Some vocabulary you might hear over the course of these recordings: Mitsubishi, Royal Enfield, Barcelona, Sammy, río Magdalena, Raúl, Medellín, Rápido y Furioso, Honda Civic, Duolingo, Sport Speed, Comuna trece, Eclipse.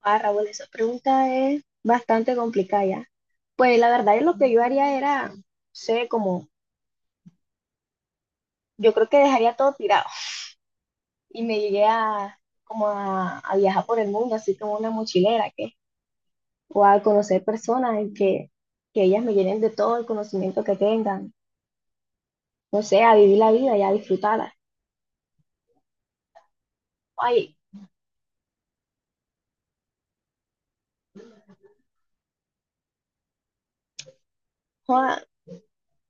Ah, Raúl, esa pregunta es bastante complicada ya. Pues la verdad es lo que yo haría era, no sé, como, yo creo que dejaría todo tirado y me llegué a, a viajar por el mundo, así como una mochilera, que, o a conocer personas en que ellas me llenen de todo el conocimiento que tengan, no sé, a vivir la vida y a disfrutarla. Ay, joda,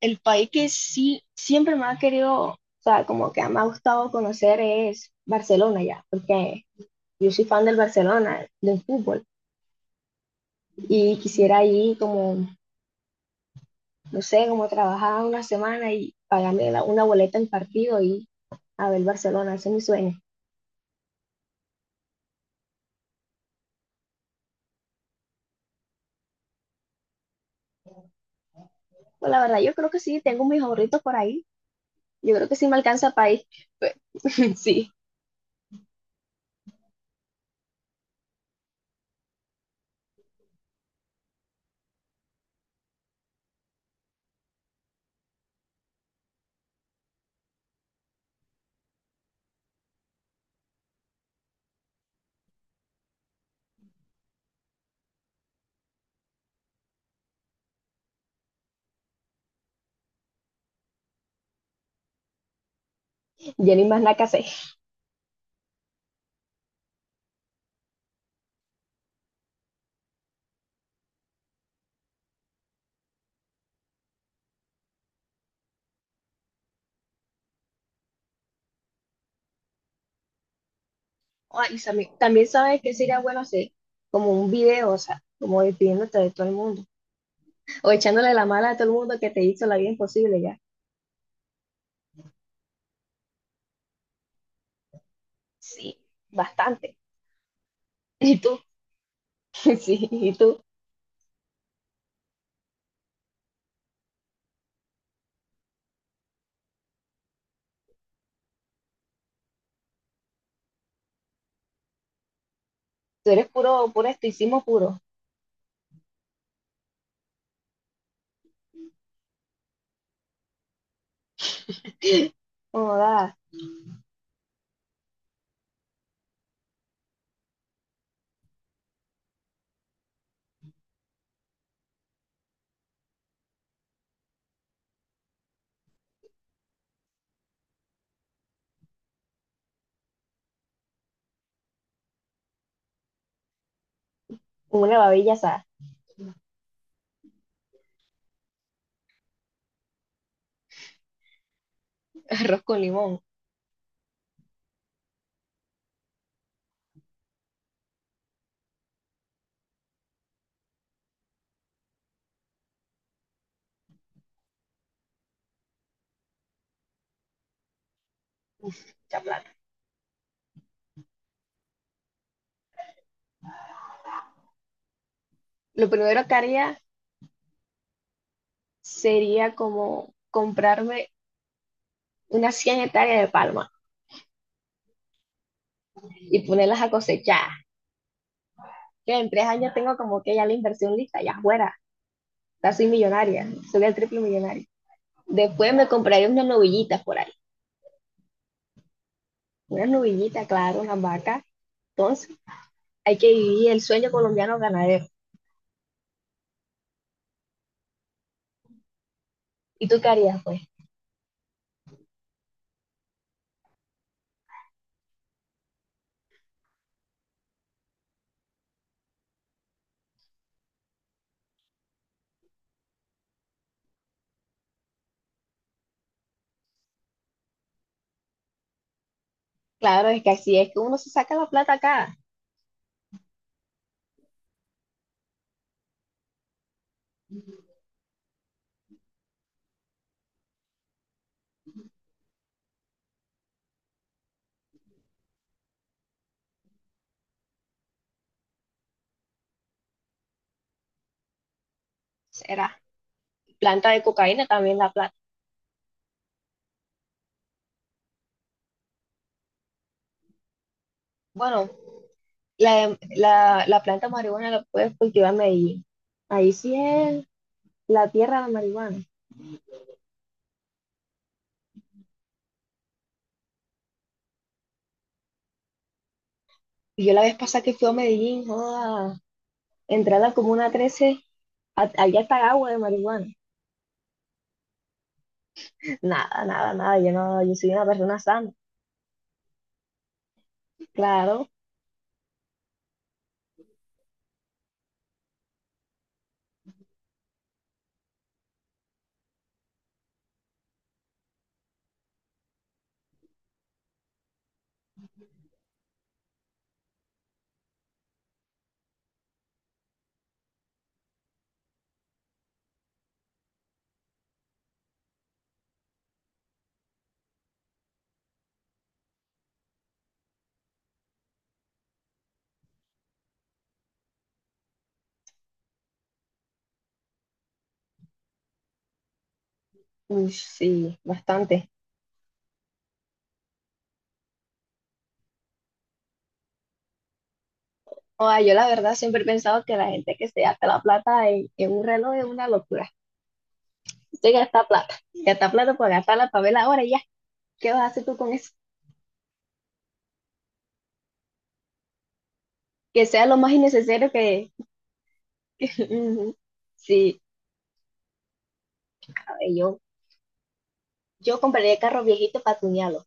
el país que sí, siempre me ha querido, o sea, como que me ha gustado conocer es Barcelona ya, porque yo soy fan del Barcelona, del fútbol. Y quisiera ir como, no sé, como trabajar una semana y pagarme una boleta del partido y a ver Barcelona, ese es mi sueño. Pues la verdad, yo creo que sí, tengo mis ahorritos por ahí. Yo creo que sí me alcanza para ir. Pe- Sí, ya ni más nada que hacer. Ay, Sammy, también sabes que sería bueno hacer como un video, o sea, como despidiéndote de todo el mundo o echándole la mala a todo el mundo que te hizo la vida imposible ya. Sí, bastante. ¿Y tú? Sí, ¿y tú? Tú eres puro, puro estoicismo puro. Joda. Una babilla asada, arroz con limón. Mucha plata. Lo primero que haría sería como comprarme unas 100 hectáreas de palma y ponerlas a cosechar. Que en 3 años tengo como que ya la inversión lista, ya fuera. Ya soy millonaria, soy el triple millonario. Después me compraría unas novillitas por ahí. Unas novillitas, claro, unas vacas. Entonces, hay que vivir el sueño colombiano ganadero. ¿Y tú qué harías, pues? Claro, es que así es que uno se saca la plata acá. Será. Planta de cocaína también la plata. Bueno, la planta de marihuana la puedes cultivar en Medellín. Ahí sí es la tierra de la marihuana. Y yo la vez pasada que fui a Medellín, joda, entré a la Comuna 13 allá está agua de marihuana. Nada, nada, nada, yo no, yo soy una persona sana. Claro, uy, sí, bastante. Joda, yo la verdad siempre he pensado que la gente que se gasta la plata en un reloj es una locura. Se gasta plata por gastarla para verla ahora y ya. ¿Qué vas a hacer tú con eso? Que sea lo más innecesario que... Ujú. Sí. ¿Sabes? Yo compraría carros viejitos para tunearlos.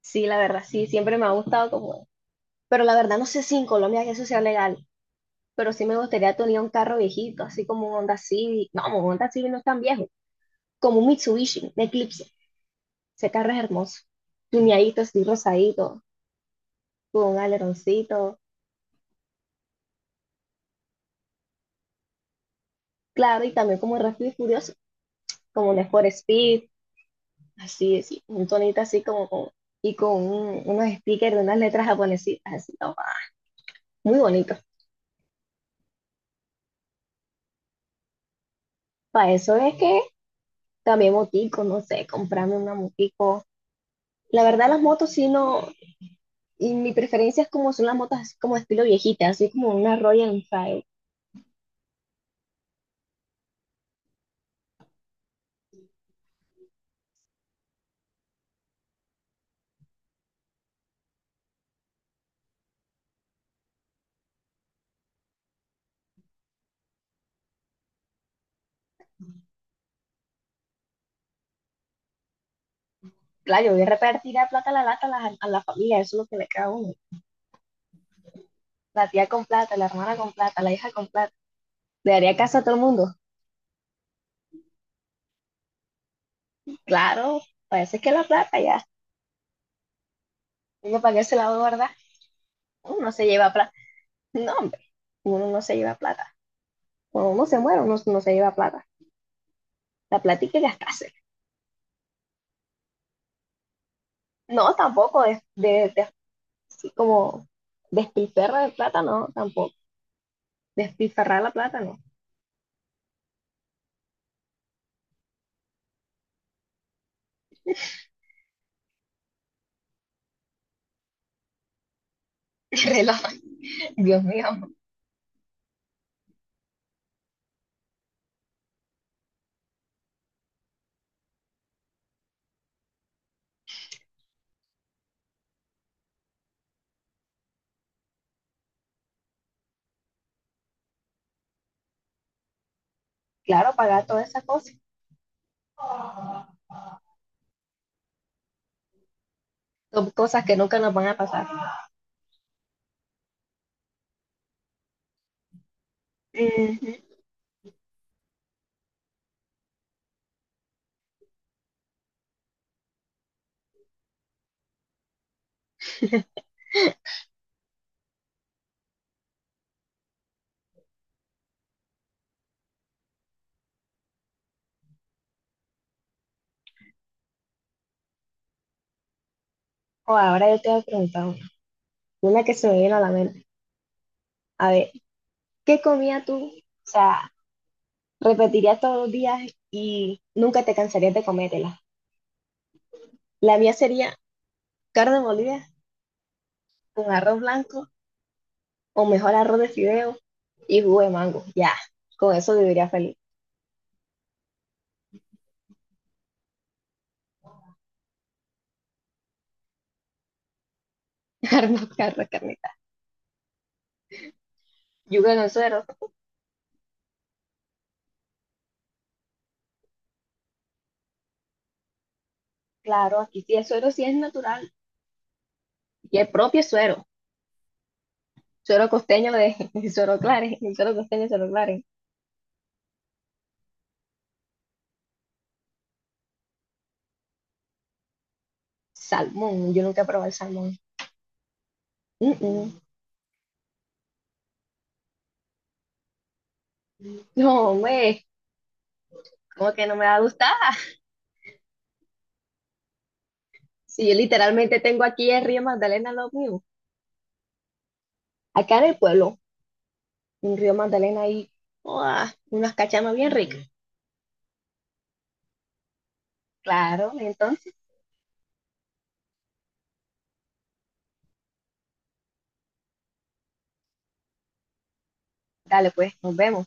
Sí, la verdad, sí, siempre me ha gustado como... Pero la verdad no sé si en Colombia que eso sea legal, pero sí me gustaría tunear un carro viejito, así como un Honda Civic. No, un Honda Civic no es tan viejo, como un Mitsubishi, un Eclipse. Ese carro es hermoso, tuneadito, así rosadito, con un aleroncito, claro, y también como Rápido y Furioso, como un Sport Speed, así, así, un tonito así como con... Y con unos stickers de unas letras japonesitas, así, no, muy bonito. Para eso es que también motico, no sé, comprarme una motico. La verdad, las motos sí no, y mi preferencia es como son las motos así como estilo viejita, así como una Royal Enfield. Claro, yo voy a repartir la plata, la lata a a la familia, eso es lo que le queda a uno. La tía con plata, la hermana con plata, la hija con plata. Le daría casa a todo el mundo. Claro, parece que la plata ya. Uno para qué se la va a guardar. Uno no se lleva plata. No, hombre, uno no se lleva plata. Cuando uno se muere, uno no se lleva plata. La plata hay que gastarse. No, tampoco es de como despilferra de plata, no, tampoco. Despilfarrar la plata, no. Dios mío. Claro, pagar todas esas cosas. Son cosas que nunca nos van a pasar. Ujú. O oh, ahora yo te voy a preguntar una que se me viene a la mente. A ver, ¿qué comía tú? O sea, repetirías todos los días y nunca te cansarías de comértela. La mía sería carne molida con arroz blanco o mejor arroz de fideo y jugo de mango. Ya, con eso viviría feliz. Carne, carne, carne. Yuca en el suero, claro, aquí sí el suero sí es natural y el propio suero, suero costeño de el suero Claret, el suero costeño de suero Claret. Salmón, yo nunca he probado el salmón. Mm, mm. No, hombre, como que no me va a gustar. Si yo literalmente tengo aquí el río Magdalena lo mío. Acá en el pueblo, un río Magdalena y unas cachamas bien ricas. Claro, entonces, dale pues, nos vemos.